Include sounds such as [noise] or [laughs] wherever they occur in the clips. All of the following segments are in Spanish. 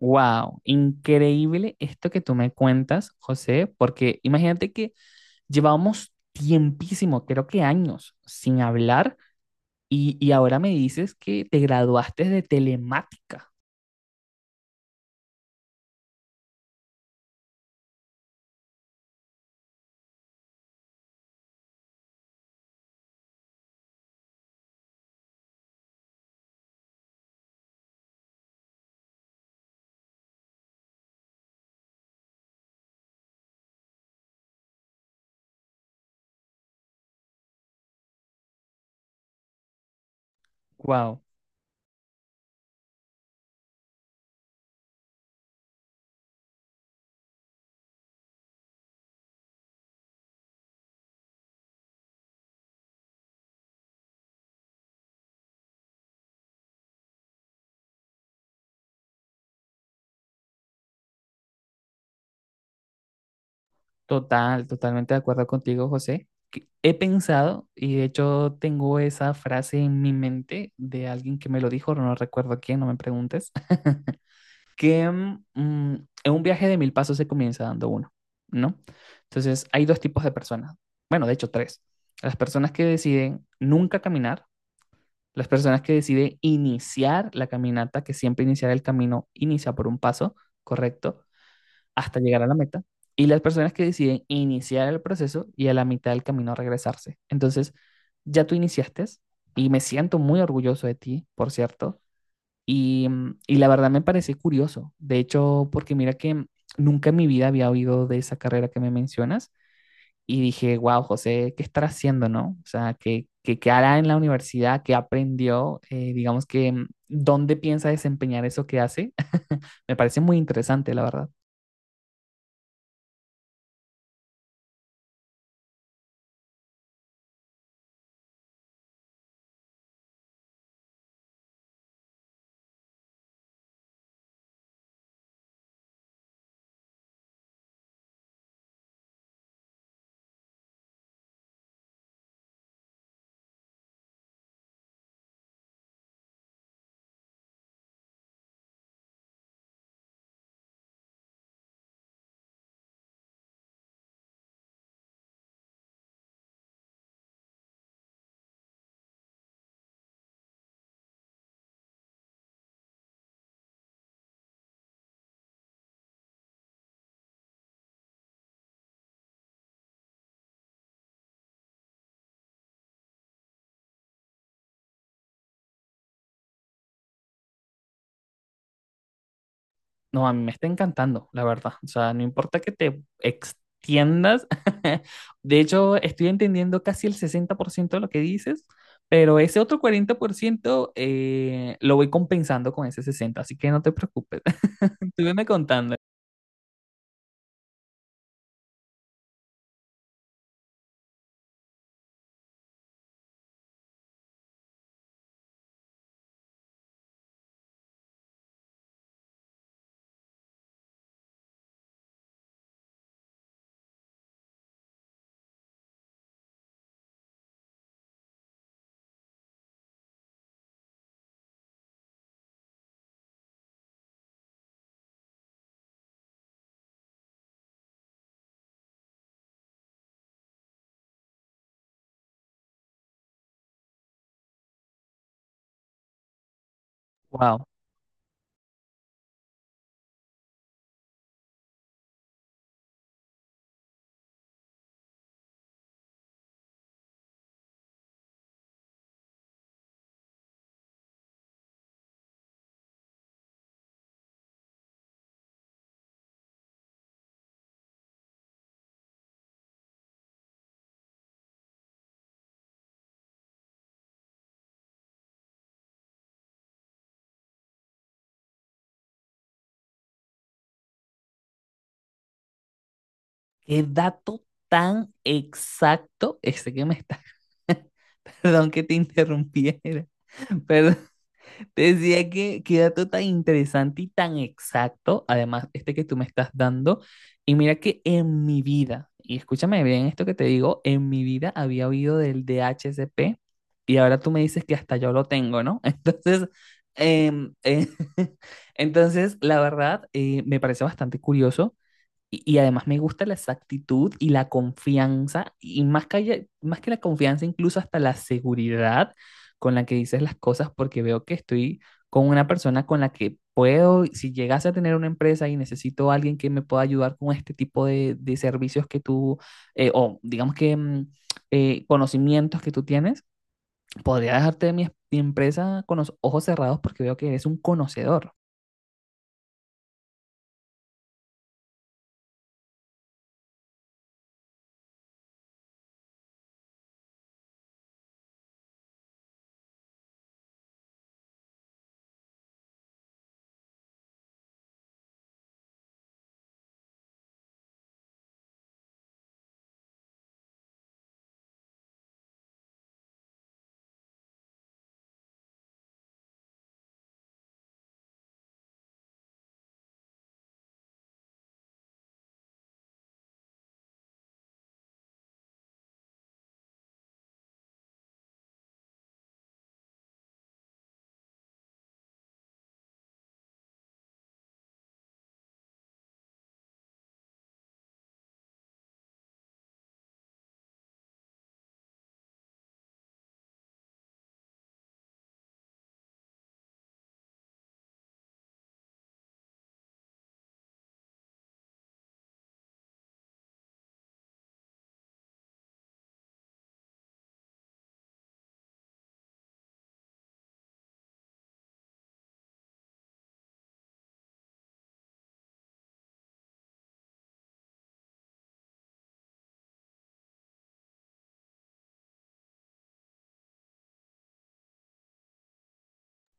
Wow, increíble esto que tú me cuentas, José, porque imagínate que llevábamos tiempísimo, creo que años, sin hablar y ahora me dices que te graduaste de telemática. Wow, totalmente de acuerdo contigo, José. Que he pensado y de hecho tengo esa frase en mi mente de alguien que me lo dijo, no recuerdo quién, no me preguntes que en un viaje de mil pasos se comienza dando uno, ¿no? Entonces, hay dos tipos de personas. Bueno, de hecho, tres. Las personas que deciden nunca caminar, las personas que deciden iniciar la caminata, que siempre iniciar el camino inicia por un paso, correcto, hasta llegar a la meta, y las personas que deciden iniciar el proceso y a la mitad del camino regresarse. Entonces, ya tú iniciaste y me siento muy orgulloso de ti, por cierto, y, y la verdad me parece curioso. De hecho, porque mira que nunca en mi vida había oído de esa carrera que me mencionas y dije, wow, José, ¿qué estará haciendo, no? O sea, ¿qué hará en la universidad? ¿Qué aprendió? Digamos que, ¿dónde piensa desempeñar eso que hace? [laughs] Me parece muy interesante, la verdad. No, a mí me está encantando, la verdad. O sea, no importa que te extiendas. [laughs] De hecho, estoy entendiendo casi el 60% de lo que dices, pero ese otro 40% lo voy compensando con ese 60%, así que no te preocupes. [laughs] Tú me contando. Wow, qué dato tan exacto ese que me está. [laughs] Perdón que te interrumpiera. [laughs] Perdón. Te decía que qué dato tan interesante y tan exacto, además este que tú me estás dando. Y mira que en mi vida, y escúchame bien esto que te digo, en mi vida había oído del DHCP y ahora tú me dices que hasta yo lo tengo, ¿no? [laughs] Entonces, em, eh, [laughs] entonces la verdad, me parece bastante curioso y además me gusta la exactitud y la confianza, y más que, más que la confianza, incluso hasta la seguridad con la que dices las cosas, porque veo que estoy con una persona con la que puedo, si llegase a tener una empresa y necesito a alguien que me pueda ayudar con este tipo de servicios que tú, o digamos que conocimientos que tú tienes, podría dejarte mi empresa con los ojos cerrados porque veo que eres un conocedor.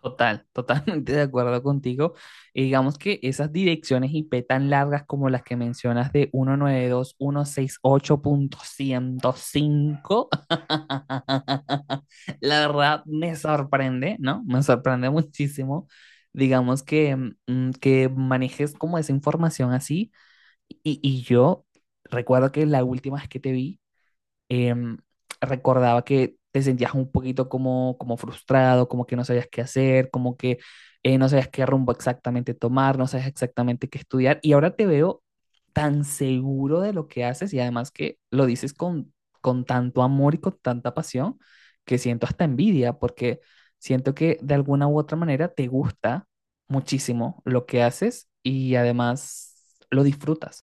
Total, [laughs] totalmente de acuerdo contigo. Y digamos que esas direcciones IP tan largas como las que mencionas de 192.168.105, [laughs] la verdad me sorprende, ¿no? Me sorprende muchísimo, digamos que, que manejes como esa información así. Y yo recuerdo que la última vez que te vi, em, recordaba que te sentías un poquito como, como frustrado, como que no sabías qué hacer, como que no sabías qué rumbo exactamente tomar, no sabías exactamente qué estudiar. Y ahora te veo tan seguro de lo que haces y además que lo dices con tanto amor y con tanta pasión que siento hasta envidia porque siento que de alguna u otra manera te gusta muchísimo lo que haces y además lo disfrutas.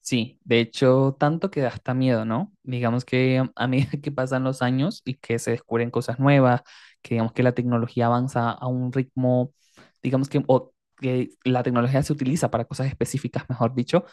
Sí, de hecho, tanto que da hasta miedo, ¿no? Digamos que a medida que pasan los años y que se descubren cosas nuevas, que digamos que la tecnología avanza a un ritmo, digamos que, o que la tecnología se utiliza para cosas específicas, mejor dicho,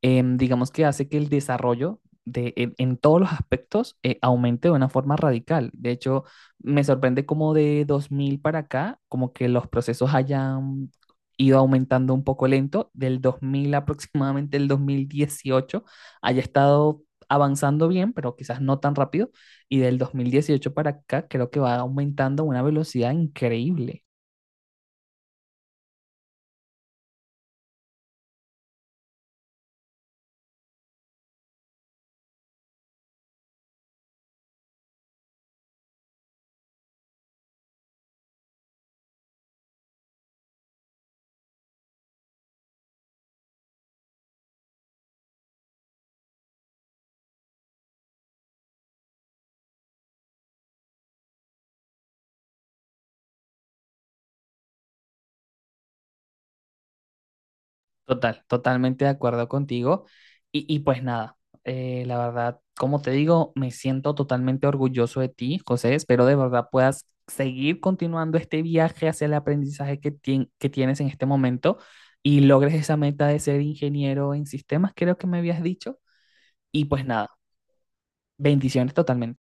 digamos que hace que el desarrollo de, en todos los aspectos aumente de una forma radical. De hecho, me sorprende cómo de 2000 para acá, como que los procesos hayan iba aumentando un poco lento, del 2000 aproximadamente, el 2018, haya estado avanzando bien, pero quizás no tan rápido, y del 2018 para acá creo que va aumentando a una velocidad increíble. Total, totalmente de acuerdo contigo. Y pues nada, la verdad, como te digo, me siento totalmente orgulloso de ti, José. Espero de verdad puedas seguir continuando este viaje hacia el aprendizaje que, que tienes en este momento y logres esa meta de ser ingeniero en sistemas, creo que me habías dicho. Y pues nada, bendiciones totalmente.